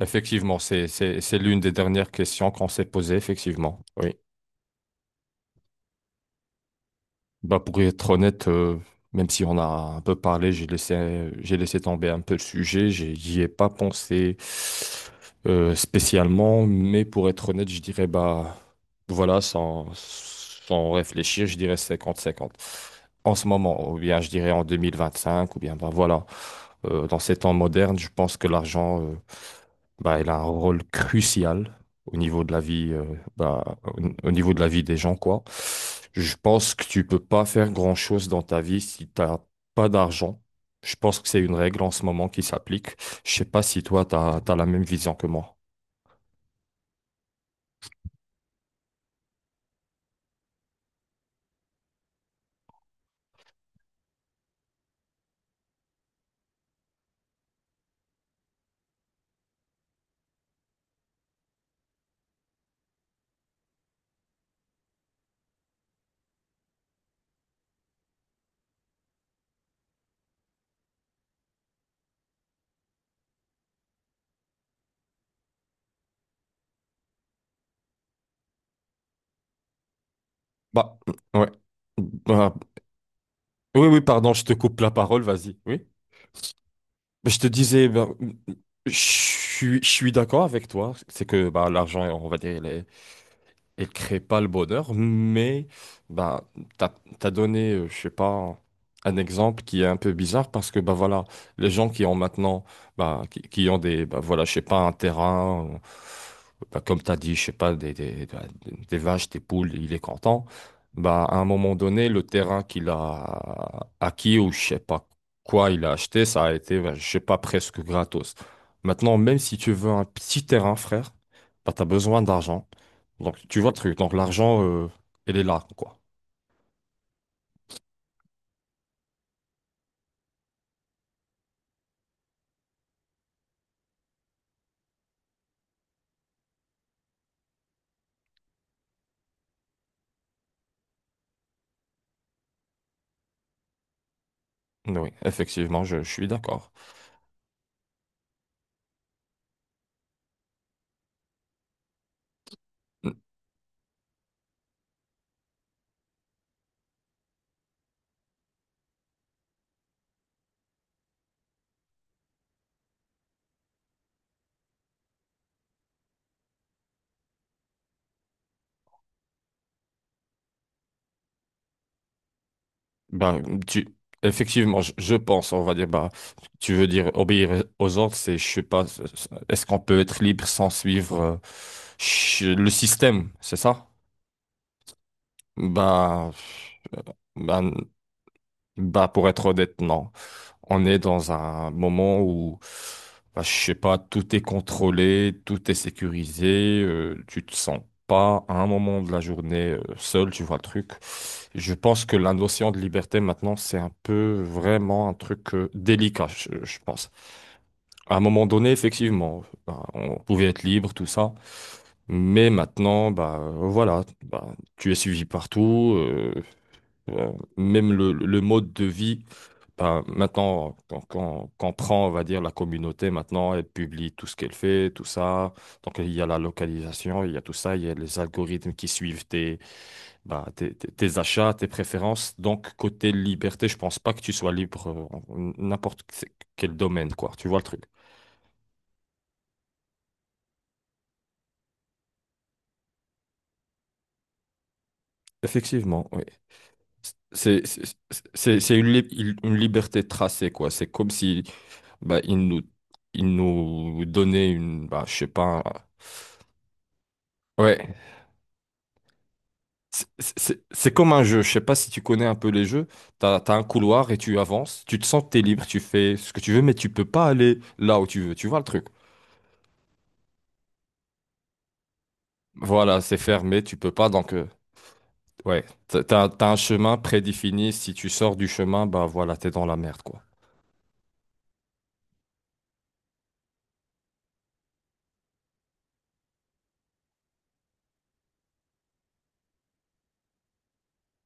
Effectivement, c'est l'une des dernières questions qu'on s'est posées, effectivement. Oui. Bah, pour être honnête, même si on a un peu parlé, j'ai laissé tomber un peu le sujet, j'y ai pas pensé spécialement, mais pour être honnête, je dirais, bah, voilà, sans réfléchir, je dirais 50-50. En ce moment, ou bien je dirais en 2025, ou bien, bah, voilà. Dans ces temps modernes, je pense que l'argent, bah, il a un rôle crucial au niveau de la vie, bah, au niveau de la vie des gens, quoi. Je pense que tu peux pas faire grand-chose dans ta vie si t'as pas d'argent. Je pense que c'est une règle en ce moment qui s'applique. Je sais pas si toi, t'as la même vision que moi. Bah, ouais. Bah, oui, oui, pardon, je te coupe la parole, vas-y. Oui. Mais je te disais, ben, je suis d'accord avec toi. C'est que bah, l'argent, on va dire, il est, elle crée pas le bonheur, mais bah, t'as, t'as donné, je sais pas, un exemple qui est un peu bizarre parce que bah voilà, les gens qui ont maintenant, bah, qui ont des, bah voilà, je sais pas, un terrain, bah, comme t'as dit, je sais pas, ben, des vaches, des poules, il est content. Bah, à un moment donné, le terrain qu'il a acquis ou je sais pas quoi il a acheté, ça a été, bah, je sais pas, presque gratos. Maintenant, même si tu veux un petit terrain, frère, bah, t'as besoin d'argent. Donc, tu vois le truc. Donc, l'argent, elle est là, quoi. Oui, effectivement, je suis d'accord. Ben, tu, effectivement, je pense, on va dire, bah, tu veux dire obéir aux ordres, c'est, je sais pas, est-ce qu'on peut être libre sans suivre le système, c'est ça? Ben, euh, ben, Bah, pour être honnête, non. On est dans un moment où, bah, je sais pas, tout est contrôlé, tout est sécurisé, tu te sens pas à un moment de la journée seul, tu vois le truc. Je pense que la notion de liberté maintenant, c'est un peu vraiment un truc délicat, je pense. À un moment donné, effectivement, bah, on pouvait être libre, tout ça. Mais maintenant, bah, voilà, bah, tu es suivi partout. Euh, Même le mode de vie, ben, maintenant, quand prend, on va dire, la communauté, maintenant, elle publie tout ce qu'elle fait, tout ça. Donc, il y a la localisation, il y a tout ça, il y a les algorithmes qui suivent tes, ben, tes achats, tes préférences. Donc, côté liberté, je pense pas que tu sois libre en n'importe quel domaine, quoi. Tu vois le truc. Effectivement, oui. C'est c'est- c'est une, une liberté tracée, quoi. C'est comme si bah, il nous donnait une. Bah, je sais pas. Ouais. C'est comme un jeu. Je sais pas si tu connais un peu les jeux. T'as un couloir et tu avances. Tu te sens que t'es libre. Tu fais ce que tu veux, mais tu peux pas aller là où tu veux. Tu vois le truc? Voilà, c'est fermé. Tu peux pas. Donc, ouais. T'as un chemin prédéfini. Si tu sors du chemin, bah voilà, t'es dans la merde, quoi.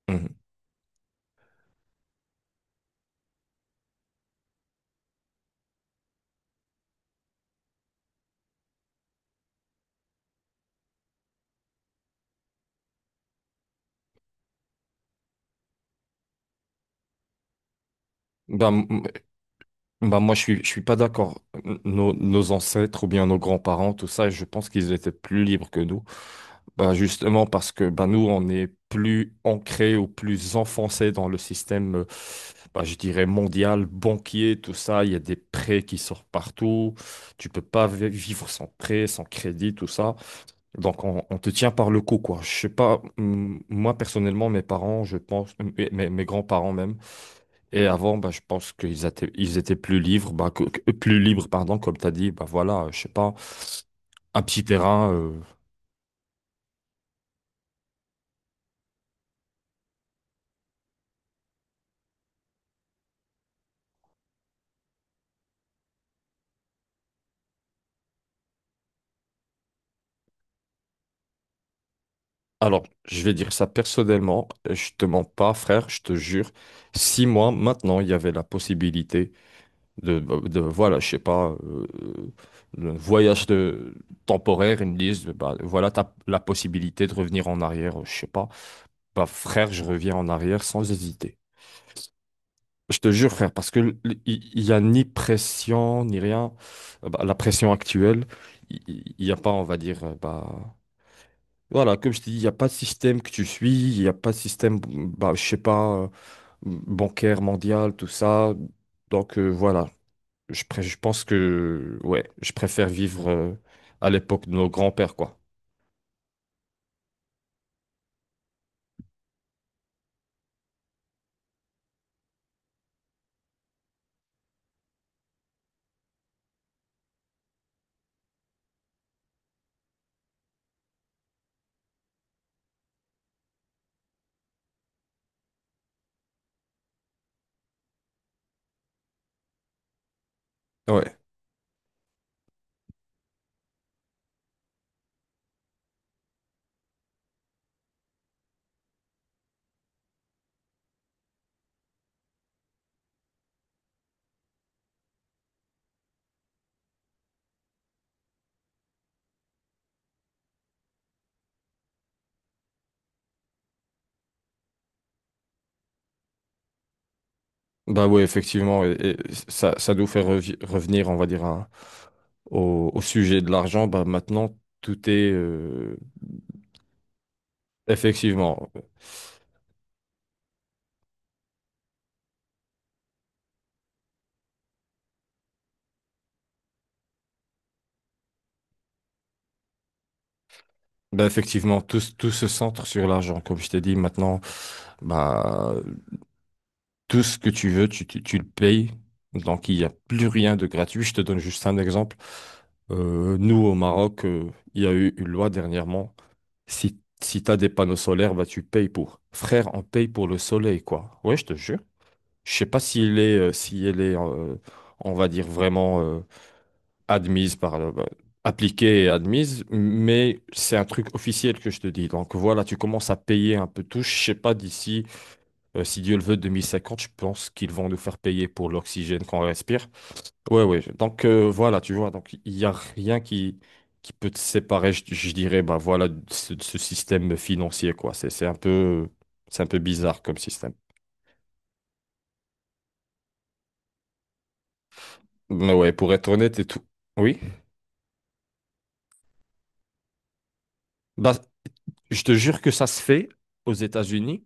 Mhm. Bah, Bah moi, je suis pas d'accord. Nos ancêtres ou bien nos grands-parents, tout ça, je pense qu'ils étaient plus libres que nous. Bah justement parce que bah nous, on est plus ancrés ou plus enfoncés dans le système, bah, je dirais, mondial, banquier, tout ça. Il y a des prêts qui sortent partout. Tu peux pas vivre sans prêt, sans crédit, tout ça. Donc, on te tient par le cou, quoi. Je sais pas, moi, personnellement, mes parents, je pense, mes, mes grands-parents même, et avant, bah, je pense qu'ils étaient, ils étaient plus libres, bah, plus libres, pardon, comme tu as dit, bah voilà, je sais pas, un petit terrain. Alors, je vais dire ça personnellement, je te mens pas, frère, je te jure. Si moi, maintenant, il y avait la possibilité de voilà, je sais pas, le voyage de, temporaire, ils me disent, bah voilà, t'as la possibilité de revenir en arrière, je sais pas. Bah frère, je reviens en arrière sans hésiter. Je te jure, frère, parce que il n'y a ni pression, ni rien. Bah, la pression actuelle, il n'y a pas, on va dire, bah, voilà, comme je te dis, il n'y a pas de système que tu suis, il n'y a pas de système, bah, je sais pas, bancaire mondial, tout ça. Donc, voilà, je pense que, ouais, je préfère vivre à l'époque de nos grands-pères, quoi. Ouais, bah ouais, effectivement, et ça nous fait revenir, on va dire, à- au, au sujet de l'argent, bah maintenant, tout est. Effectivement. Ben effectivement, tout se centre sur l'argent. Comme je t'ai dit maintenant, bah, tout ce que tu veux, tu le payes. Donc, il n'y a plus rien de gratuit. Je te donne juste un exemple. Nous, au Maroc, il y a eu une loi dernièrement. Si tu as des panneaux solaires, bah, tu payes pour. Frère, on paye pour le soleil, quoi. Ouais, je te jure. Je sais pas s'il est, si elle est, on va dire vraiment. Admise par le, bah, appliquée et admise, mais c'est un truc officiel que je te dis. Donc voilà, tu commences à payer un peu tout. Je sais pas d'ici, si Dieu le veut, 2050, je pense qu'ils vont nous faire payer pour l'oxygène qu'on respire. Ouais, ouais. Donc voilà, tu vois, donc il y a rien qui peut te séparer, je dirais, bah voilà, de ce système financier, quoi. C'est un peu bizarre comme système. Mais ouais, pour être honnête et tout. Oui. Bah, je te jure que ça se fait aux États-Unis.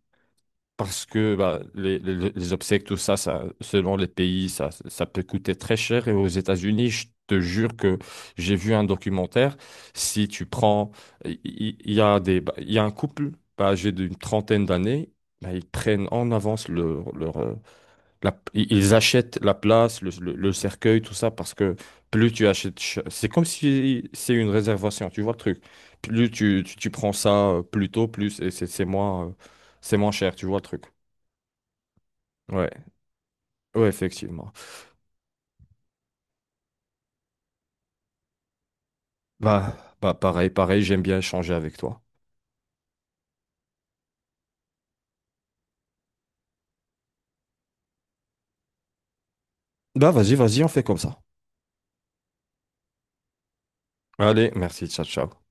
Parce que bah, les obsèques, tout ça, ça, selon les pays, ça peut coûter très cher. Et aux États-Unis, je te jure que j'ai vu un documentaire. Si tu prends, il y a des, bah, il y a un couple bah, âgé d'une trentaine d'années, bah, ils prennent en avance ils achètent la place, le cercueil, tout ça, parce que plus tu achètes, c'est comme si c'est une réservation, tu vois le truc. Plus tu prends ça plus tôt, plus et c'est moins, c'est moins cher, tu vois le truc. Ouais, ouais, effectivement. Bah, bah pareil, pareil, j'aime bien échanger avec toi. Bah, vas-y, vas-y, on fait comme ça. Allez, merci, ciao, ciao.